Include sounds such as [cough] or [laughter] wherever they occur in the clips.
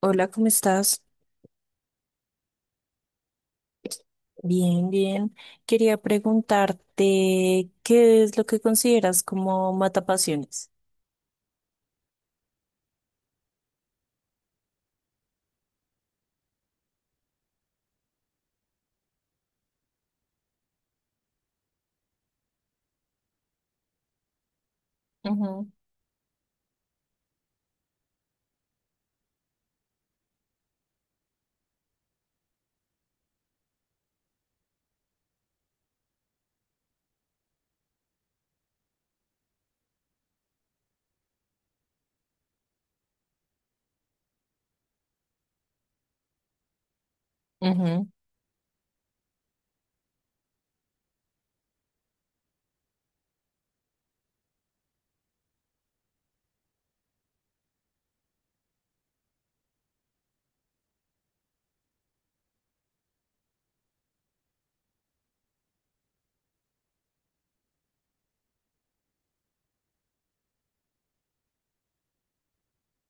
Hola, ¿cómo estás? Bien. Quería preguntarte, ¿qué es lo que consideras como matapasiones? Ujú. Ujú.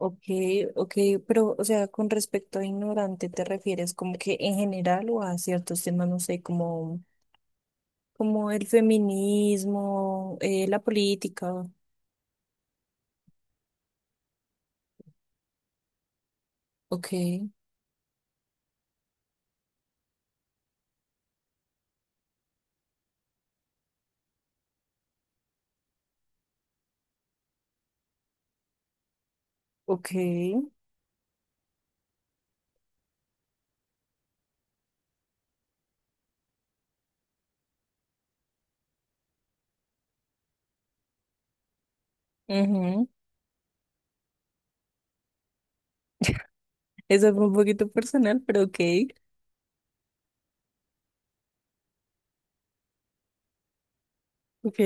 Ok, ok, pero, o sea, con respecto a ignorante, ¿te refieres como que en general o a ciertos temas, no sé, como, como el feminismo, la política? Ok, ok. Ujú. Eso fue un poquito personal, pero ok. ok,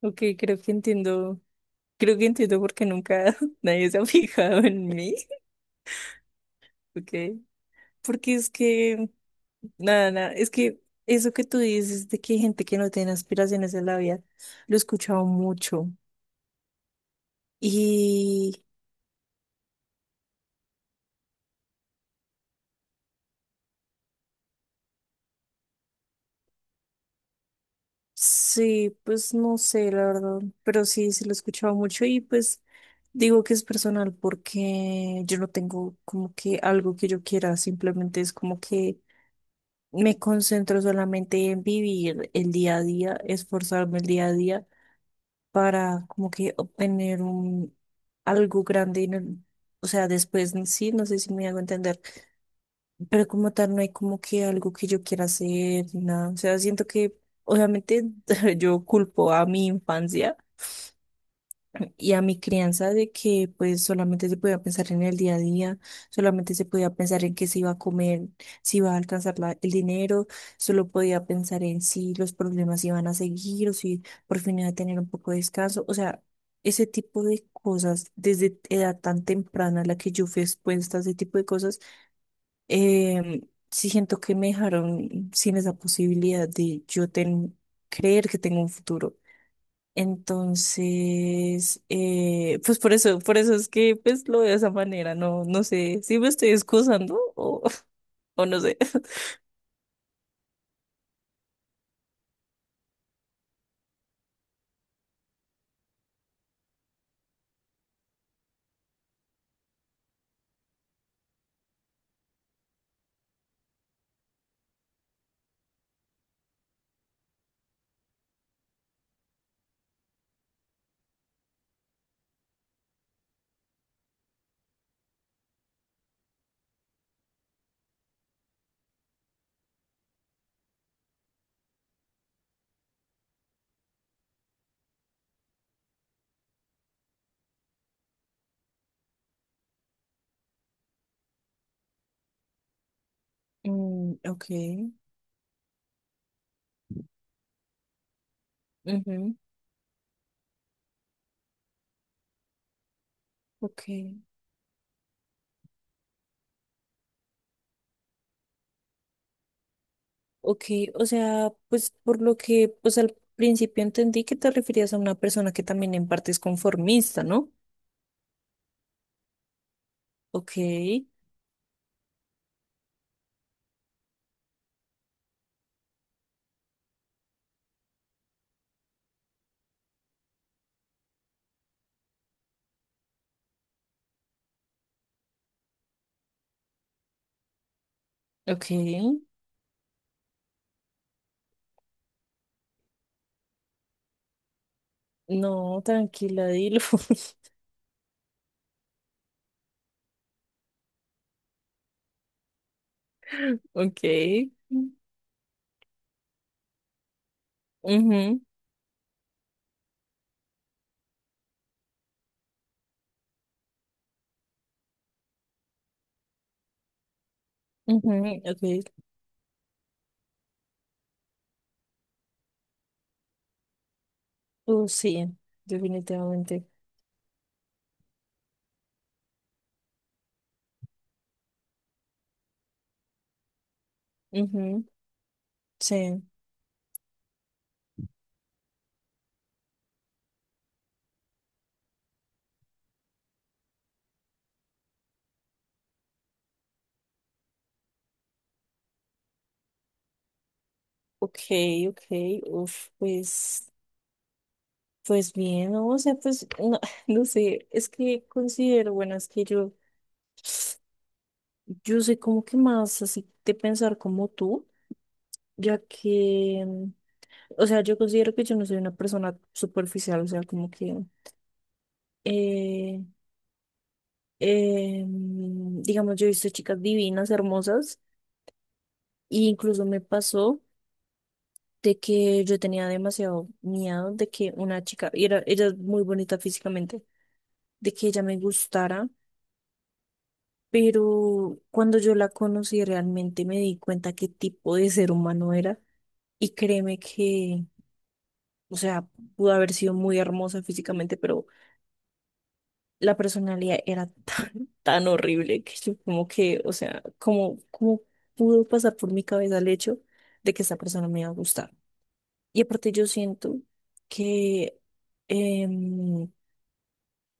ok, creo que entiendo. Creo que entiendo por qué nunca [laughs] nadie se ha fijado en mí, ¿ok? Porque es que, nada, es que eso que tú dices de que hay gente que no tiene aspiraciones en la vida, lo he escuchado mucho. Y sí, pues no sé, la verdad, pero sí, sí lo he escuchado mucho y pues digo que es personal porque yo no tengo como que algo que yo quiera, simplemente es como que me concentro solamente en vivir el día a día, esforzarme el día a día para como que obtener un algo grande en o sea, después en sí, no sé si me hago entender, pero como tal no hay como que algo que yo quiera hacer ni nada, o sea, siento que obviamente [laughs] yo culpo a mi infancia y a mi crianza de que pues solamente se podía pensar en el día a día, solamente se podía pensar en qué se iba a comer, si iba a alcanzar el dinero, solo podía pensar en si los problemas iban a seguir o si por fin iba a tener un poco de descanso, o sea, ese tipo de cosas desde edad tan temprana a la que yo fui expuesta a ese tipo de cosas, eh, sí siento que me dejaron sin esa posibilidad de yo creer que tengo un futuro. Entonces, pues por eso es que pues lo veo de esa manera, no, no sé si me estoy excusando o, [laughs] o no sé. Ok. Ujú. Ok, ok, o sea, pues por lo que, pues al principio entendí que te referías a una persona que también en parte es conformista, ¿no? Ok. Ok, no, tranquila, dilo. [laughs] Ok. Ujú. Ujú. Ok. Oh sí, definitivamente. Ujú, sí. Ok, ok, uf, pues, pues bien, ¿no? O sea, pues, no, [laughs] no sé, es que considero, bueno, es que yo soy como que más así de pensar como tú, ya que, o sea, yo considero que yo no soy una persona superficial, o sea, como que, eh, digamos, yo he visto chicas divinas, hermosas, e incluso me pasó de que yo tenía demasiado miedo de que una chica, y era, ella es muy bonita físicamente de que ella me gustara, pero cuando yo la conocí realmente me di cuenta qué tipo de ser humano era y créeme que, o sea, pudo haber sido muy hermosa físicamente, pero la personalidad era tan, [laughs] tan horrible que yo como que, o sea, como, como pudo pasar por mi cabeza el hecho de que esta persona me iba a gustar. Y aparte yo siento que... em,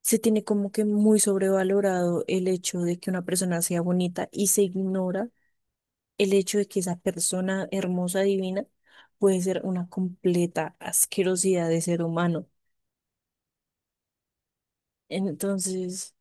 se tiene como que muy sobrevalorado el hecho de que una persona sea bonita y se ignora el hecho de que esa persona hermosa, divina, puede ser una completa asquerosidad de ser humano. Entonces,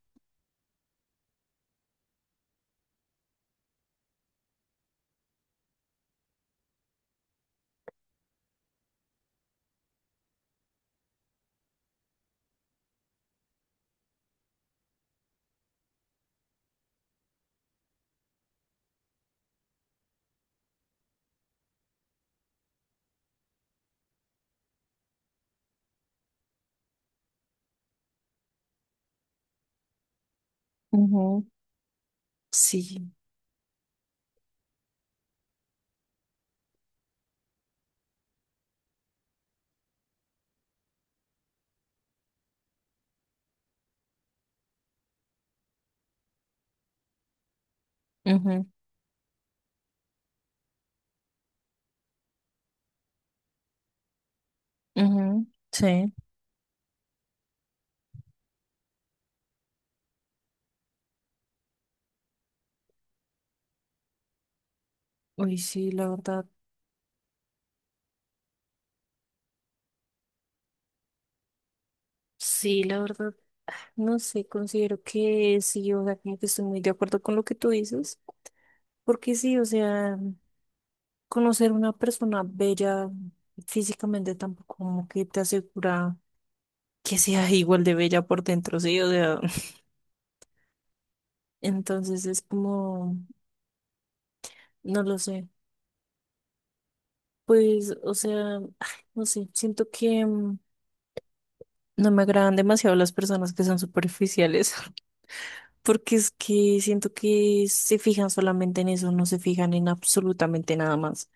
Ujú. Sí. Ujú. Ujú. Sí. Uy, sí, la verdad. Sí, la verdad, no sé, considero que sí, o sea, como que estoy muy de acuerdo con lo que tú dices, porque sí, o sea, conocer una persona bella físicamente tampoco como que te asegura que sea igual de bella por dentro, sí, o sea, [laughs] entonces es como... No lo sé. Pues, o sea, ay, no sé, siento que no me agradan demasiado las personas que son superficiales, [laughs] porque es que siento que se fijan solamente en eso, no se fijan en absolutamente nada más.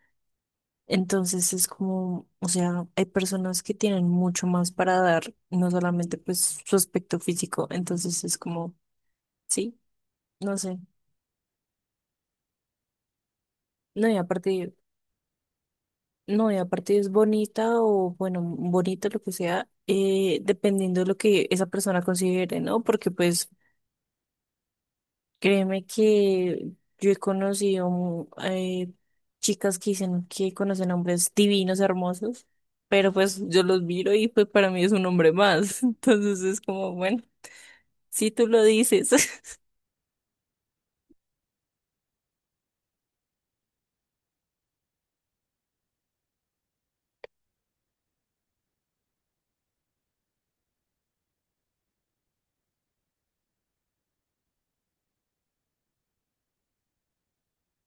Entonces es como, o sea, hay personas que tienen mucho más para dar, no solamente pues su aspecto físico, entonces es como, sí, no sé. No, y aparte. No, y aparte es bonita o, bueno, bonita lo que sea, dependiendo de lo que esa persona considere, ¿no? Porque pues créeme que yo he conocido chicas que dicen que conocen hombres divinos, hermosos, pero pues yo los miro y pues para mí es un hombre más. [laughs] Entonces es como, bueno, si tú lo dices. [laughs]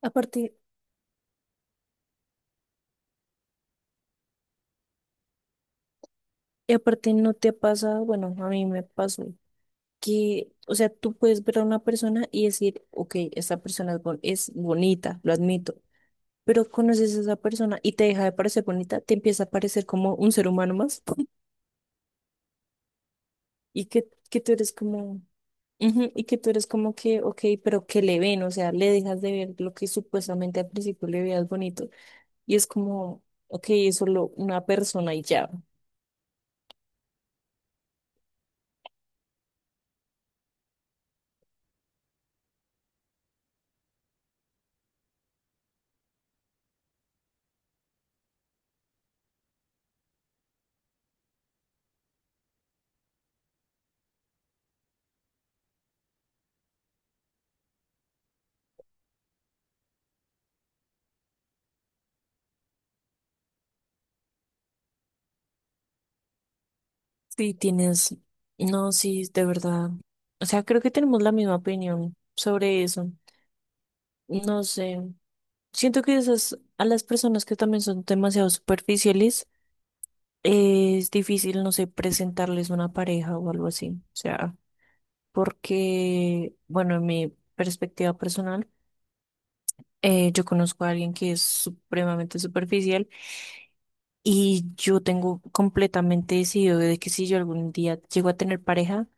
Aparte, y aparte no te ha pasado, bueno, a mí me pasó. Que, o sea, tú puedes ver a una persona y decir, ok, esta persona es, es bonita, lo admito, pero conoces a esa persona y te deja de parecer bonita, te empieza a parecer como un ser humano más y que tú eres como, ujú, y que tú eres como que, ok, pero que le ven, o sea, le dejas de ver lo que supuestamente al principio le veías bonito y es como, ok, es solo una persona y ya. Sí, tienes, no, sí, de verdad. O sea, creo que tenemos la misma opinión sobre eso. No sé. Siento que esas, a las personas que también son demasiado superficiales, es difícil, no sé, presentarles una pareja o algo así. O sea, porque, bueno, en mi perspectiva personal, yo conozco a alguien que es supremamente superficial y yo tengo completamente decidido de que si yo algún día llego a tener pareja,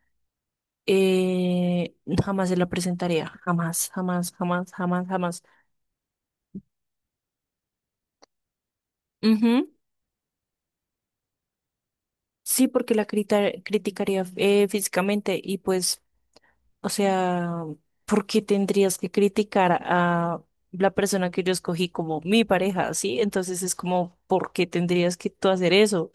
eh, jamás se la presentaría. Jamás, jamás, jamás, jamás, jamás. Ujú. Sí, porque la criticaría físicamente y pues o sea, ¿por qué tendrías que criticar a la persona que yo escogí como mi pareja? ¿Sí? Entonces es como, ¿por qué tendrías que tú hacer eso?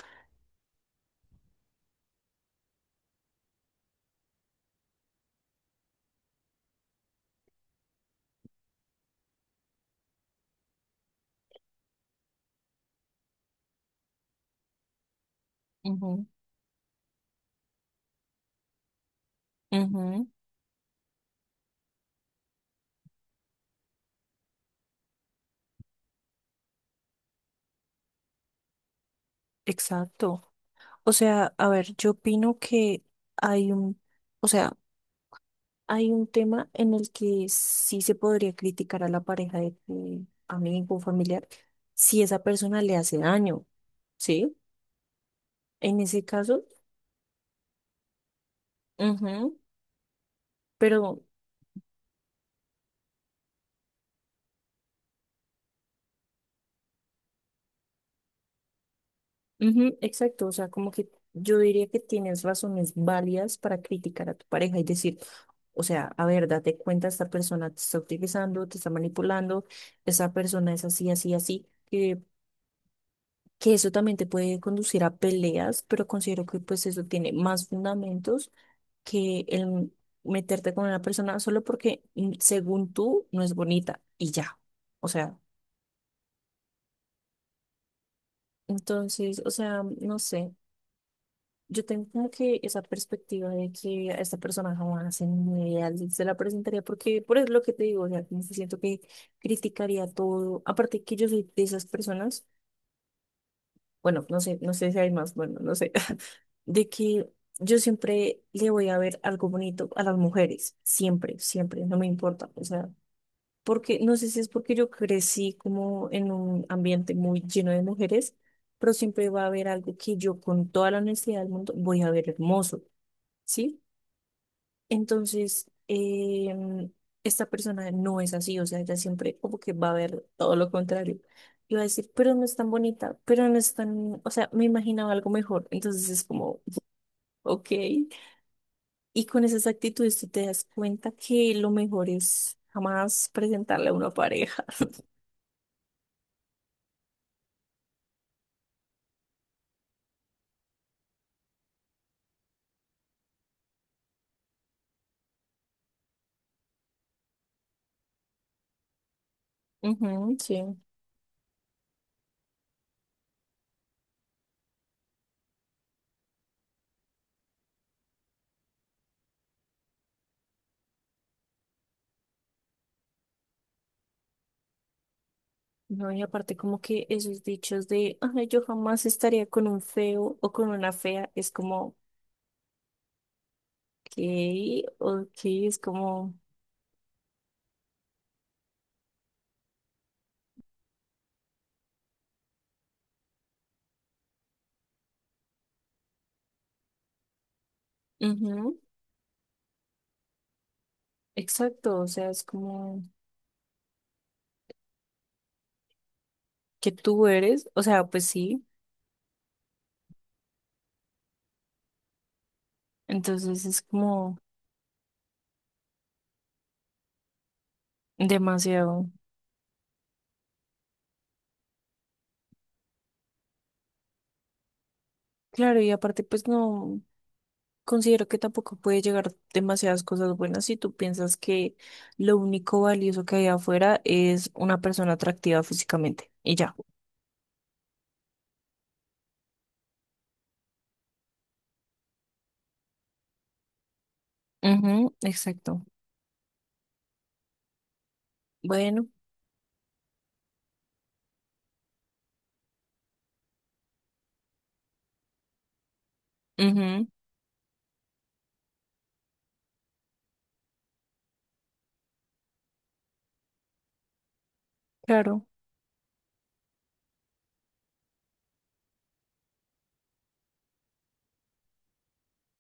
Ujú. Ujú, exacto. O sea, a ver, yo opino que hay un, o sea, hay un tema en el que sí se podría criticar a la pareja de tu amigo o familiar si esa persona le hace daño, ¿sí? En ese caso, ujú, pero ujú, exacto, o sea, como que yo diría que tienes razones válidas para criticar a tu pareja y decir, o sea, a ver, date cuenta, esta persona te está utilizando, te está manipulando, esta persona es así, así, así, que eso también te puede conducir a peleas, pero considero que pues eso tiene más fundamentos que el meterte con una persona solo porque según tú no es bonita y ya, o sea, entonces, o sea, no sé. Yo tengo como que esa perspectiva de que a esta persona jamás en mi vida se la presentaría, porque por eso lo que te digo, o sea, como que siento que criticaría todo. Aparte que yo soy de esas personas, bueno, no sé, no sé si hay más, bueno, no sé, [laughs] de que yo siempre le voy a ver algo bonito a las mujeres, siempre, siempre, no me importa, o sea, porque no sé si es porque yo crecí como en un ambiente muy lleno de mujeres, pero siempre va a haber algo que yo con toda la honestidad del mundo voy a ver hermoso. ¿Sí? Entonces, esta persona no es así, o sea, ella siempre como que va a ver todo lo contrario. Y va a decir, pero no es tan bonita, pero no es tan, o sea, me imaginaba algo mejor. Entonces es como, ok. Y con esas actitudes tú te das cuenta que lo mejor es jamás presentarle a una pareja. [laughs] Ujú, sí. No, y aparte como que esos dichos de, ay, yo jamás estaría con un feo o con una fea, es como, ok, es como... Ujú. Exacto, o sea, es como que tú eres, o sea, pues sí, entonces es como demasiado. Claro, y aparte, pues no, considero que tampoco puede llegar demasiadas cosas buenas si tú piensas que lo único valioso que hay afuera es una persona atractiva físicamente y ya. Ujú, exacto. Bueno, ujú, claro,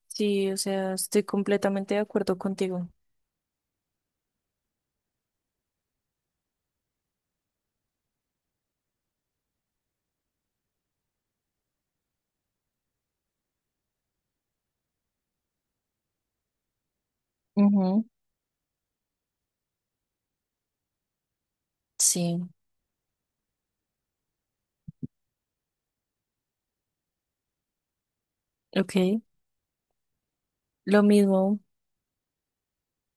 sí, o sea, estoy completamente de acuerdo contigo. Ujú, sí, ok, lo mismo.